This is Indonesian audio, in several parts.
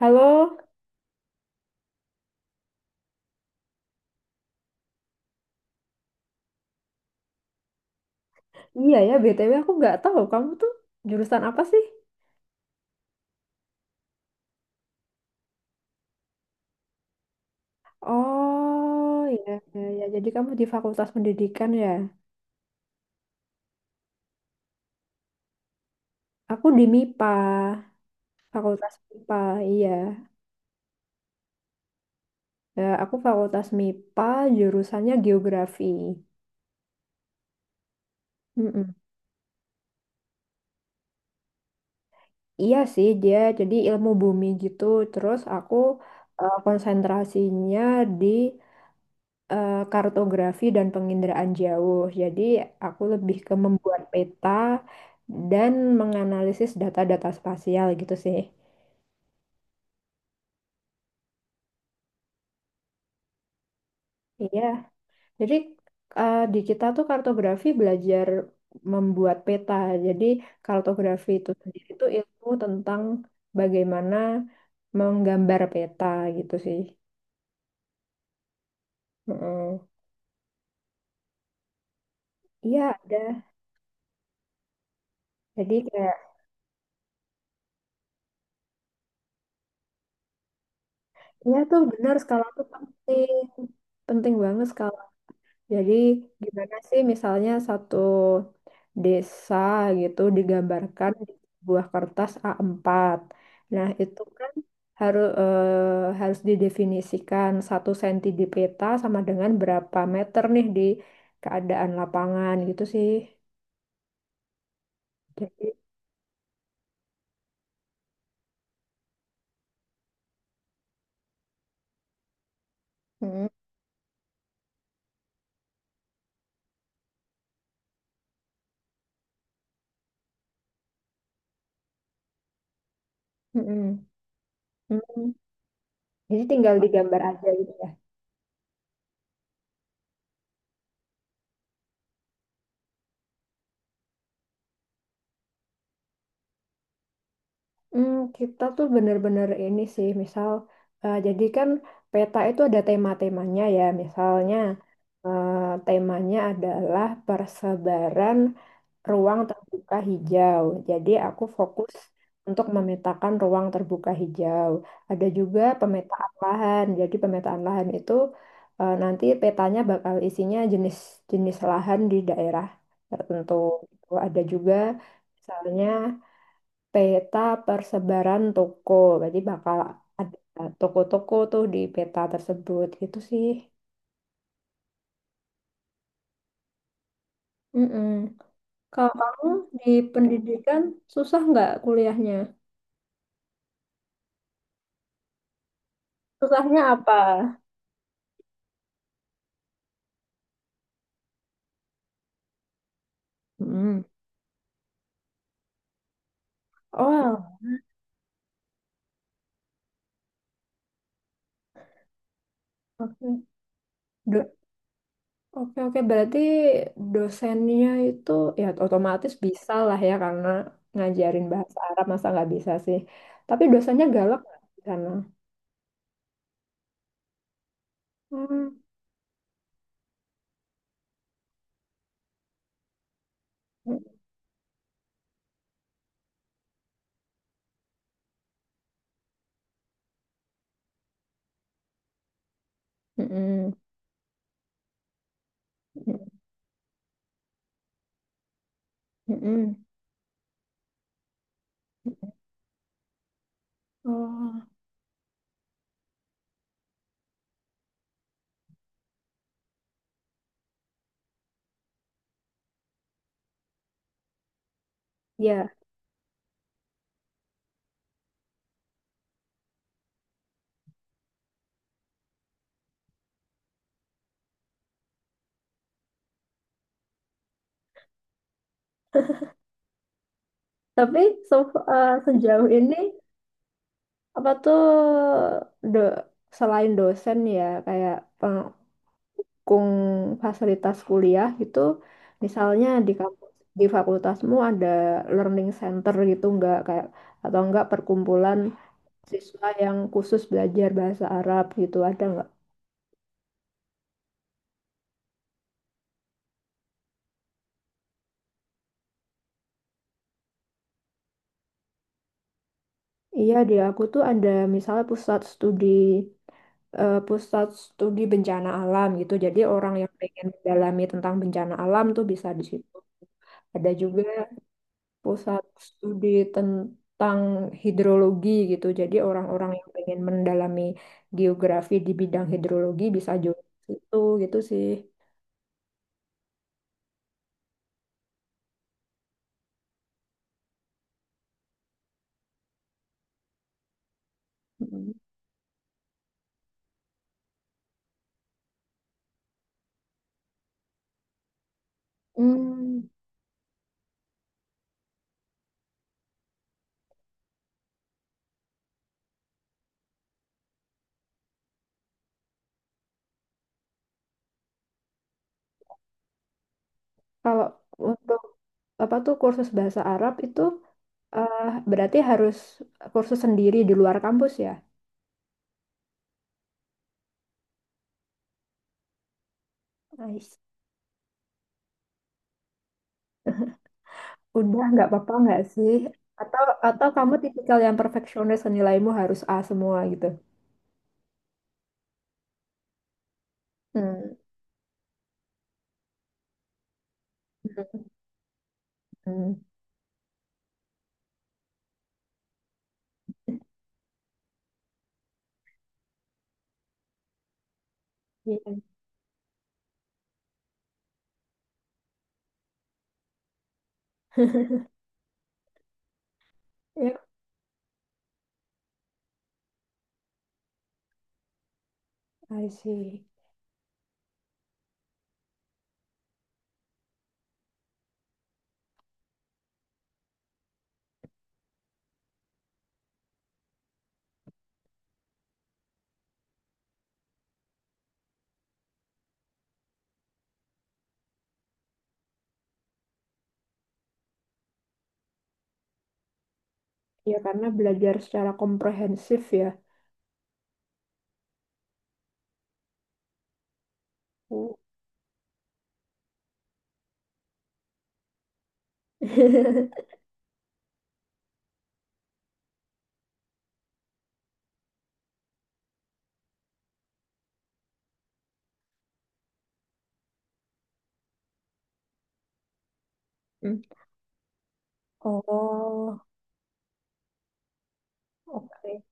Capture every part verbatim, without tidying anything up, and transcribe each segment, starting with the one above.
Halo, iya ya, B T W aku nggak tahu kamu tuh jurusan apa sih? Oh, iya, iya, iya. Jadi kamu di Fakultas Pendidikan ya? Aku di MIPA, Fakultas MIPA, iya. Eh, aku Fakultas MIPA, jurusannya Geografi. Mm-mm. Iya sih, dia jadi ilmu bumi gitu. Terus aku, eh, konsentrasinya di, eh, kartografi dan penginderaan jauh. Jadi aku lebih ke membuat peta dan menganalisis data-data spasial gitu sih. Iya, jadi, eh, di kita tuh kartografi belajar membuat peta. Jadi kartografi itu sendiri tuh ilmu tentang bagaimana menggambar peta gitu sih. Heeh. Iya ada. Jadi kayak, ya tuh benar skala tuh penting, penting banget skala. Jadi gimana sih misalnya satu desa gitu digambarkan di sebuah kertas A empat. Nah, itu kan harus harus didefinisikan satu senti di peta sama dengan berapa meter nih di keadaan lapangan gitu sih. Jadi, mm, mm, mm. Jadi tinggal digambar aja gitu. Hmm, kita tuh bener-bener ini sih, misal, eh, jadi kan peta itu ada tema-temanya ya, misalnya, eh, temanya adalah persebaran ruang terbuka hijau. Jadi aku fokus untuk memetakan ruang terbuka hijau. Ada juga pemetaan lahan. Jadi pemetaan lahan itu, eh, nanti petanya bakal isinya jenis-jenis lahan di daerah tertentu. Ada juga misalnya peta persebaran toko. Berarti bakal ada toko-toko tuh di peta tersebut. Itu sih. Mm-mm. Kalau kamu di pendidikan susah nggak kuliahnya? Susahnya apa? Mm. Oh, oke. Do- Oke, oke. Berarti dosennya itu ya otomatis bisa lah ya karena ngajarin bahasa Arab masa nggak bisa sih. Tapi dosennya galak nggak di sana? Hmm. Mm-mm. Mm-mm. Oh. Ya, tapi so, eh, sejauh ini apa tuh, do, selain dosen ya kayak pengkung fasilitas kuliah gitu, misalnya di kampus di fakultasmu ada learning center gitu nggak kayak atau enggak perkumpulan siswa yang khusus belajar bahasa Arab gitu ada nggak? Iya di aku tuh ada misalnya pusat studi eh, pusat studi bencana alam gitu. Jadi orang yang pengen mendalami tentang bencana alam tuh bisa di situ. Ada juga pusat studi tentang hidrologi gitu. Jadi orang-orang yang pengen mendalami geografi di bidang hidrologi bisa juga di situ gitu sih. Mm. Hmm, kalau untuk apa tuh kursus bahasa Arab itu, eh, berarti harus kursus sendiri di luar kampus ya? Nice. Udah nggak apa-apa nggak sih? Atau atau kamu tipikal yang perfeksionis nilaimu harus A semua gitu? Hmm. Hmm. Iya, iya, I see. Ya karena belajar secara komprehensif ya. Hmm. Hmm. Oh, oke.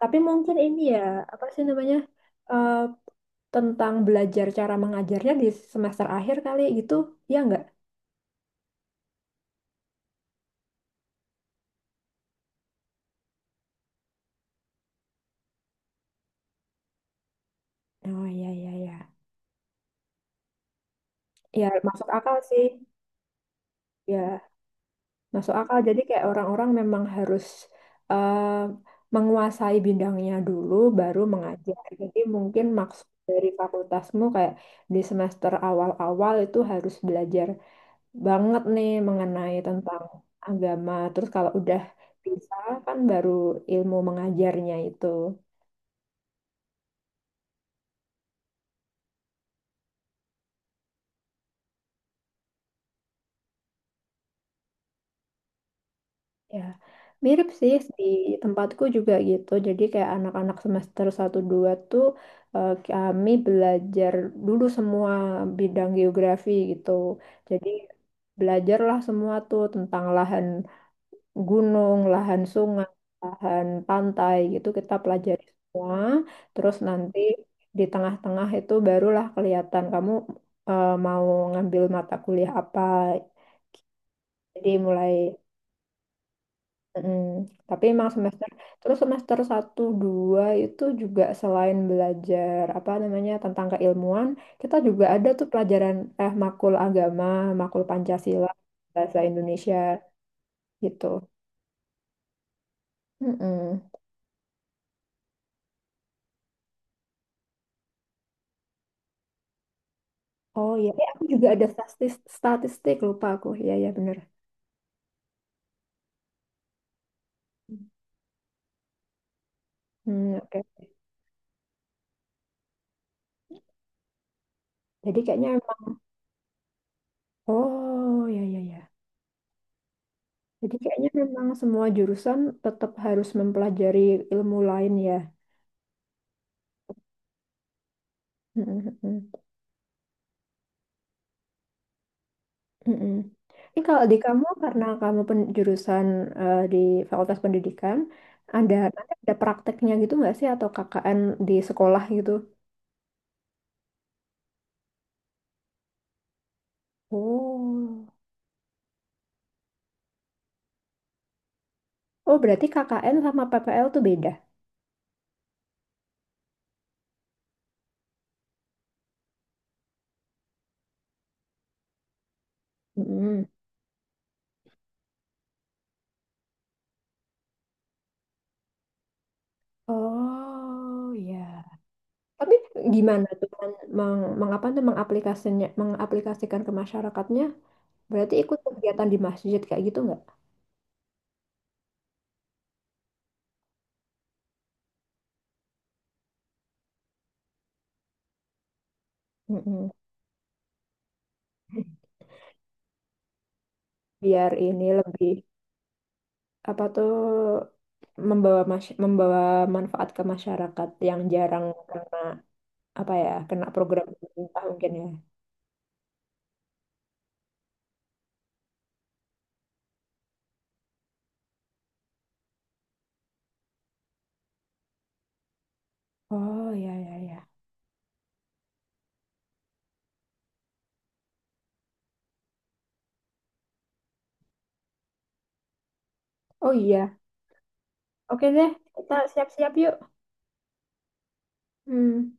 Tapi mungkin ini ya, apa sih namanya, eh, tentang belajar cara mengajarnya di semester akhir kali gitu, ya nggak? Oh, iya, iya, iya. Ya, masuk akal sih. Ya, masuk akal. Jadi kayak orang-orang memang harus, eh, menguasai bidangnya dulu, baru mengajar. Jadi mungkin maksud dari fakultasmu kayak di semester awal-awal itu harus belajar banget nih mengenai tentang agama. Terus kalau udah bisa kan baru ilmu mengajarnya itu. Ya, mirip sih di tempatku juga gitu. Jadi kayak anak-anak semester satu dua tuh, eh, kami belajar dulu semua bidang geografi gitu. Jadi belajarlah semua tuh tentang lahan gunung, lahan sungai, lahan pantai gitu kita pelajari semua. Terus nanti di tengah-tengah itu barulah kelihatan kamu, eh, mau ngambil mata kuliah apa. Jadi mulai. mm Tapi emang semester terus semester satu dua itu juga selain belajar apa namanya tentang keilmuan, kita juga ada tuh pelajaran, eh, makul agama, makul Pancasila, bahasa Indonesia gitu. Mm-mm. Oh iya, eh, aku juga ada statistik, statistik lupa aku. Iya iya bener. Hmm, oke. Jadi kayaknya emang oh ya, ya, ya. Jadi kayaknya memang semua jurusan tetap harus mempelajari ilmu lain ya. Mm-mm. Mm-mm. Ini kalau di kamu karena kamu pen- jurusan, eh, di Fakultas Pendidikan, ada nanti ada prakteknya gitu nggak sih atau K K N di sekolah gitu? Oh, oh berarti K K N sama P P L tuh beda. Mm-mm. Oh ya. Tapi gimana tuh men- meng, mengapa tuh mengaplikasinya mengaplikasikan ke masyarakatnya? Berarti ikut kegiatan di masjid kayak gitu nggak? Mm-mm. Biar ini lebih apa tuh membawa masy- membawa manfaat ke masyarakat yang jarang kena apa ya kena program pemerintah mungkin ya. Oh ya ya ya. Oh iya. Oke deh, kita siap-siap yuk. Hmm.